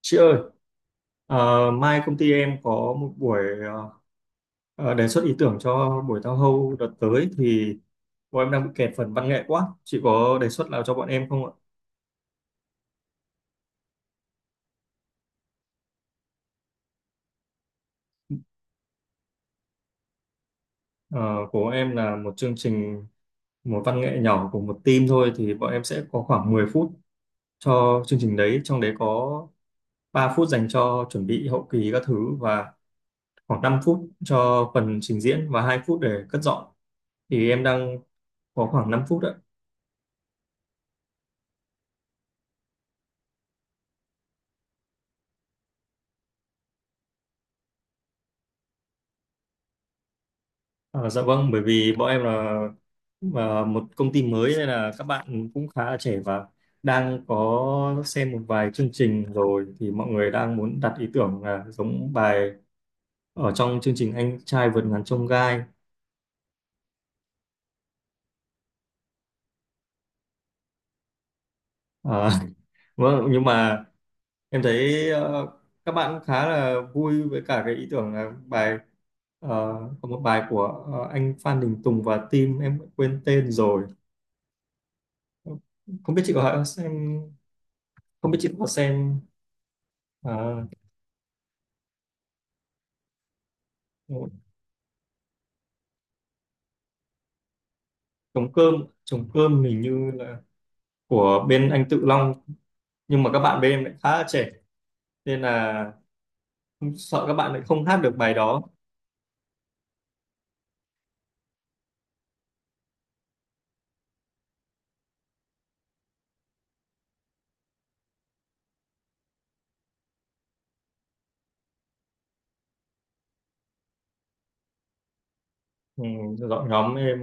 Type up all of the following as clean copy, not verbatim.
Chị ơi, mai công ty em có một buổi ờ, đề xuất ý tưởng cho buổi tao hâu đợt tới thì bọn em đang bị kẹt phần văn nghệ quá. Chị có đề xuất nào cho bọn em không ạ? Ờ, của em là một chương trình một văn nghệ nhỏ của một team thôi thì bọn em sẽ có khoảng 10 phút cho chương trình đấy, trong đấy có 3 phút dành cho chuẩn bị hậu kỳ các thứ và khoảng 5 phút cho phần trình diễn và 2 phút để cất dọn. Thì em đang có khoảng 5 phút ạ. Ờ, dạ vâng, bởi vì bọn em là một công ty mới nên là các bạn cũng khá là trẻ và đang có xem một vài chương trình rồi thì mọi người đang muốn đặt ý tưởng là giống bài ở trong chương trình Anh trai vượt ngàn chông gai. Ờ, vâng, nhưng mà em thấy các bạn cũng khá là vui với cả cái ý tưởng là bài ờ, có một bài của anh Phan Đình Tùng và team em quên tên rồi. Không biết chị có xem Không biết chị có xem ờ, trống cơm trống cơm hình như là của bên anh Tự Long nhưng mà các bạn bên em lại khá là trẻ nên là sợ các bạn lại không hát được bài đó. Ừ, dọn Nhóm em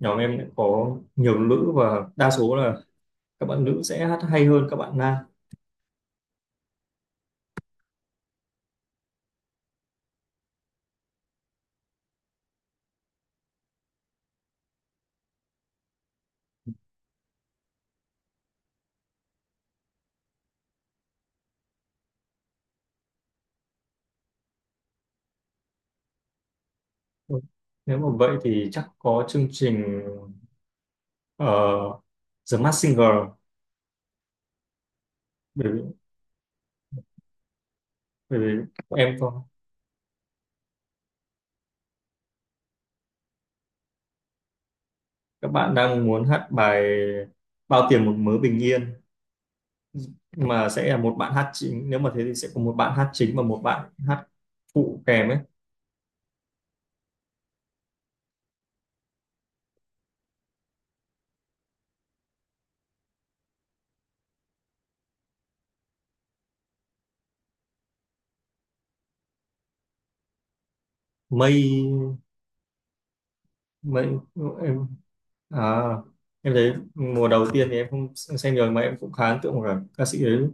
nhóm em lại có nhiều nữ và đa số là các bạn nữ sẽ hát hay hơn các bạn nam. Ừ, nếu mà vậy thì chắc có chương trình uh, The Masked Singer, bởi vì, bởi vì em có các bạn đang muốn hát bài Bao tiền một mớ bình yên mà sẽ là một bạn hát chính, nếu mà thế thì sẽ có một bạn hát chính và một bạn hát phụ kèm ấy. Mây mây em à Em thấy mùa đầu tiên thì em không xem rồi mà em cũng khá ấn tượng với cả ca sĩ đấy,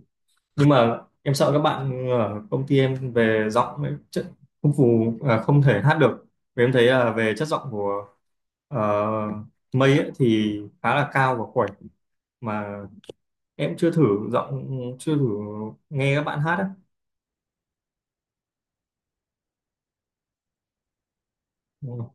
nhưng mà em sợ các bạn ở công ty em về giọng ấy, chất không phù à, không thể hát được, vì em thấy là về chất giọng của ờ, mây ấy, thì khá là cao và khỏe mà em chưa thử giọng, chưa thử nghe các bạn hát ấy.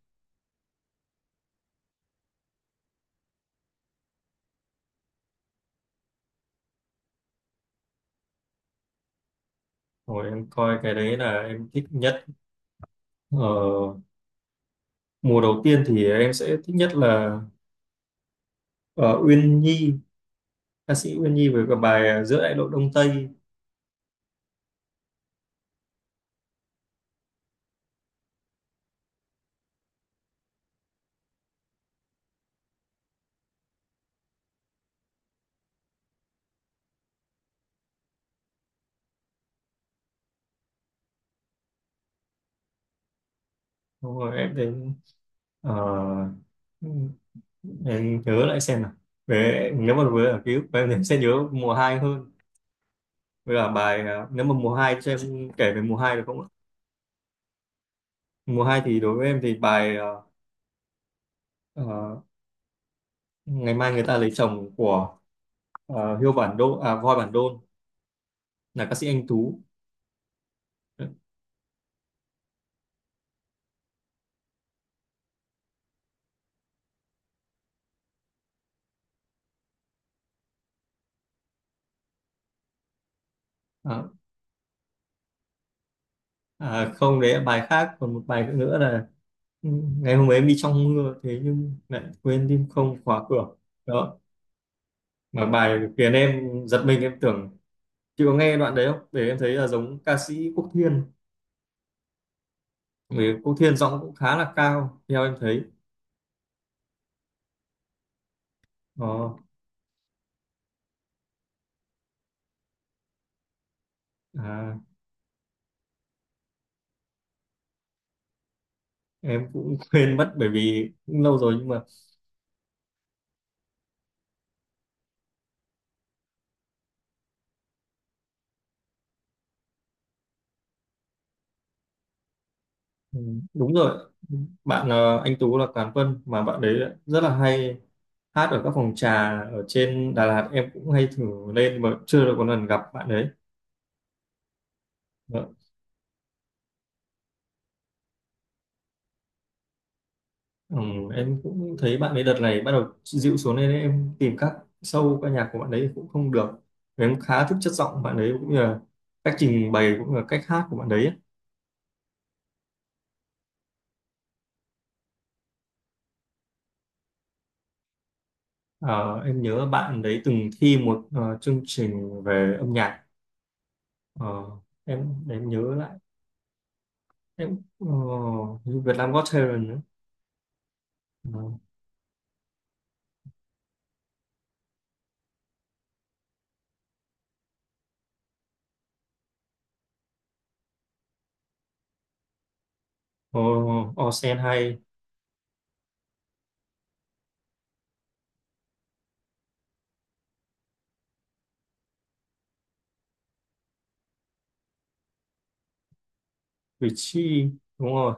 Rồi em coi cái đấy là em thích nhất. Ờ, Mùa đầu tiên thì em sẽ thích nhất là ờ, Uyên Nhi, ca sĩ Uyên Nhi với cả bài Giữa đại lộ Đông Tây. Xong rồi em đến ờ, em nhớ lại xem nào. Về nếu mà với ở ký ức của em thì em sẽ nhớ mùa 2 hơn. Với cả bài, nếu mà mùa 2 cho em kể về mùa 2 được không ạ? Mùa 2 thì đối với em thì bài ờ, Ngày mai người ta lấy chồng của ờ, Hiêu Bản Đôn à Voi Bản Đôn là ca sĩ Anh Tú. Ờ, Không, đấy là bài khác, còn một bài nữa là ừ, ngày hôm ấy em đi trong mưa thế nhưng lại quên tim không khóa cửa đó, mà bài khiến em giật mình em tưởng, chị có nghe đoạn đấy không để em thấy là giống ca sĩ Quốc Thiên, vì Quốc Thiên giọng cũng khá là cao theo em thấy đó. à, em cũng quên mất bởi vì cũng lâu rồi nhưng mà ừ, đúng rồi. Bạn anh Tú là cán quân mà bạn đấy rất là hay, hát ở các phòng trà ở trên Đà Lạt em cũng hay thử lên mà chưa được một lần gặp bạn đấy. Vâng. ừ, em cũng thấy bạn ấy đợt này bắt đầu dịu xuống nên em tìm các show ca nhạc của bạn ấy cũng không được. Em khá thích chất giọng bạn ấy cũng như là cách trình bày cũng như là cách hát của bạn đấy. Ờ, em nhớ bạn đấy từng thi một chương trình về âm nhạc. Ờ, em để em nhớ lại em Việt Nam Got Talent nữa. uh, All All hay Cử tri, đúng rồi.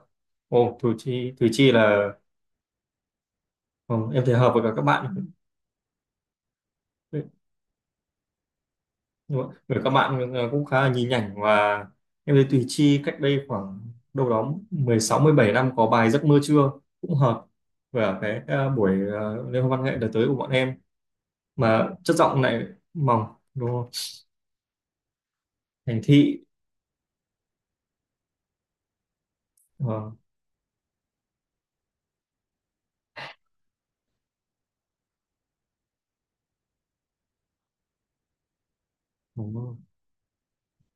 Ồ Cử tri, Cử tri là ừ, em thấy hợp với cả các bạn. Đấy, đúng rồi. Với các bạn cũng khá là nhí nhảnh và em thấy Thùy Chi cách đây khoảng đâu đó 16 17 năm có bài Giấc mơ trưa cũng hợp với cả cái buổi liên hoan văn nghệ đợt tới của bọn em, mà chất giọng lại mỏng đúng không, thành thị ờ, đúng rồi.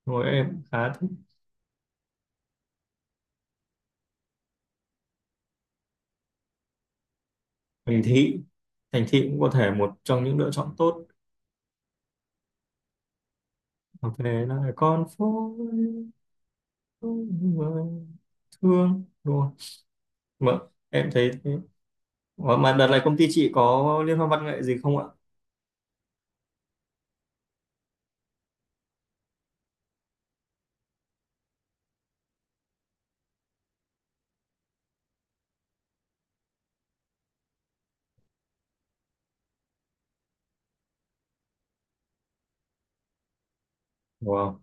Đúng rồi, em khá thích thành thị, thành thị cũng có thể một trong những lựa chọn tốt, hoặc về lại con phố mà thương đúng không, mà em thấy thế. Ủa, mà đợt này công ty chị có liên hoan văn nghệ gì không ạ? Wow.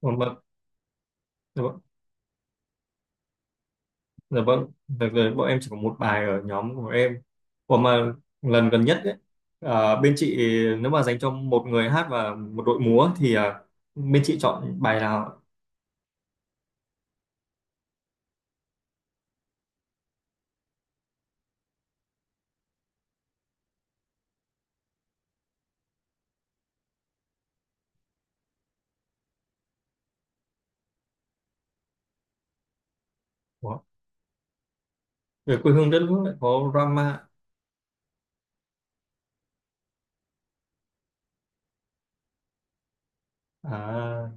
Còn bận. Dạ vâng, dạ vâng. Đợt này bọn em chỉ có một bài ở nhóm của em. Ủa mà lần gần nhất ấy, bên chị, nếu mà dành cho một người hát và một đội múa thì bên chị chọn bài nào ạ? Ủa, về quê hương đất nước lại có drama à?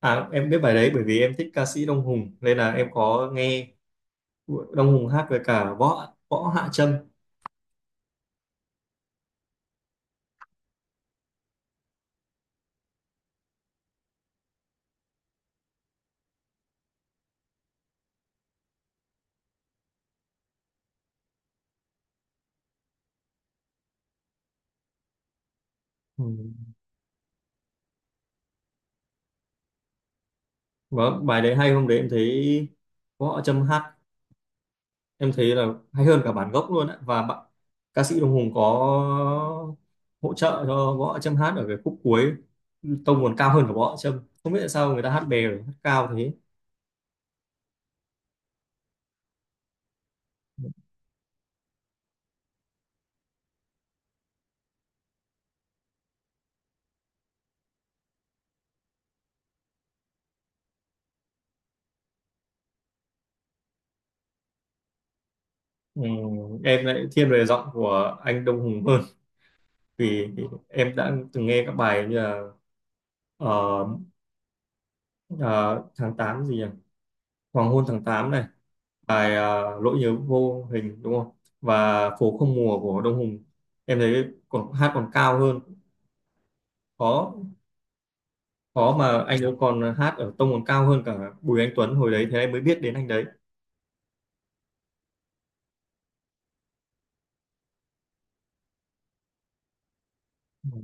Em biết bài đấy bởi vì em thích ca sĩ Đông Hùng nên là em có nghe, của Đông Hùng hát với cả Võ Võ Hạ Trâm. Ừ. Vâng, bài đấy hay. Hôm đấy em thấy Võ Hạ Trâm hát, em thấy là hay hơn cả bản gốc luôn ạ. Và bạn, ca sĩ Đông Hùng có hỗ trợ cho Võ Hạ Trâm hát ở cái khúc cuối, tông còn cao hơn cả Võ Hạ Trâm, không biết tại sao người ta hát bè rồi hát cao thế. Ừ, em lại thiên về giọng của anh Đông Hùng hơn, vì em đã từng nghe các bài như là ờ, ờ, tháng 8 gì nhỉ, Hoàng hôn tháng tám này, bài Nỗi nhớ vô hình đúng không, và Phố không mùa của Đông Hùng, em thấy còn hát còn cao hơn. Khó Khó, mà anh ấy còn hát ở tông còn cao hơn cả Bùi Anh Tuấn hồi đấy, thế em mới biết đến anh đấy. Ừ.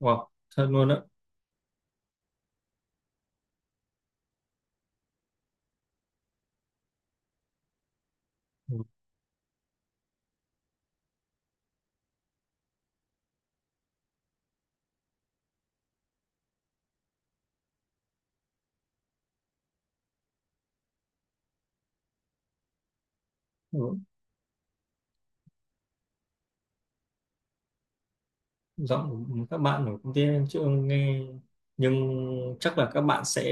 Wow, thật luôn á. Ừ. Ừ. Giọng của các bạn ở công ty em chưa nghe, nhưng chắc là các bạn sẽ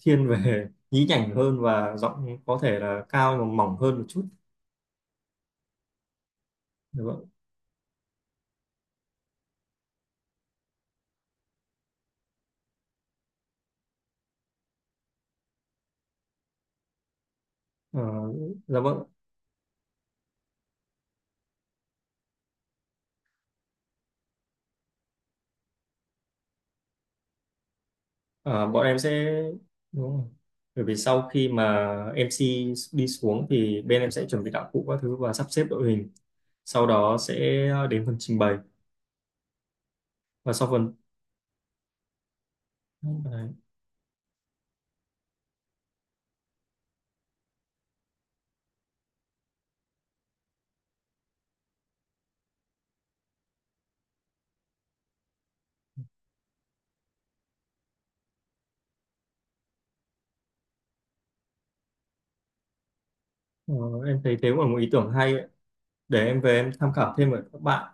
thiên về nhí nhảnh hơn và giọng có thể là cao mà mỏng hơn một chút. Dạ vâng. Ờ, dạ vâng. À, bọn em sẽ Đúng rồi. Bởi vì sau khi mà MC đi xuống thì bên em sẽ chuẩn bị đạo cụ các thứ và sắp xếp đội hình. Sau đó sẽ đến phần trình bày và sau phần đấy. Ờ, em thấy thế cũng là một ý tưởng hay ấy. Để em về em tham khảo thêm với các bạn.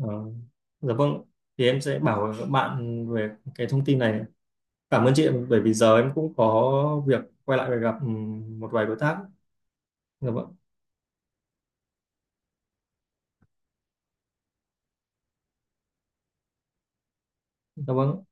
Ờ, dạ vâng. Thì em sẽ bảo với các bạn về cái thông tin này. Cảm ơn chị ạ, bởi vì giờ em cũng có việc quay lại và gặp một vài đối tác. Dạ vâng. Dạ vâng.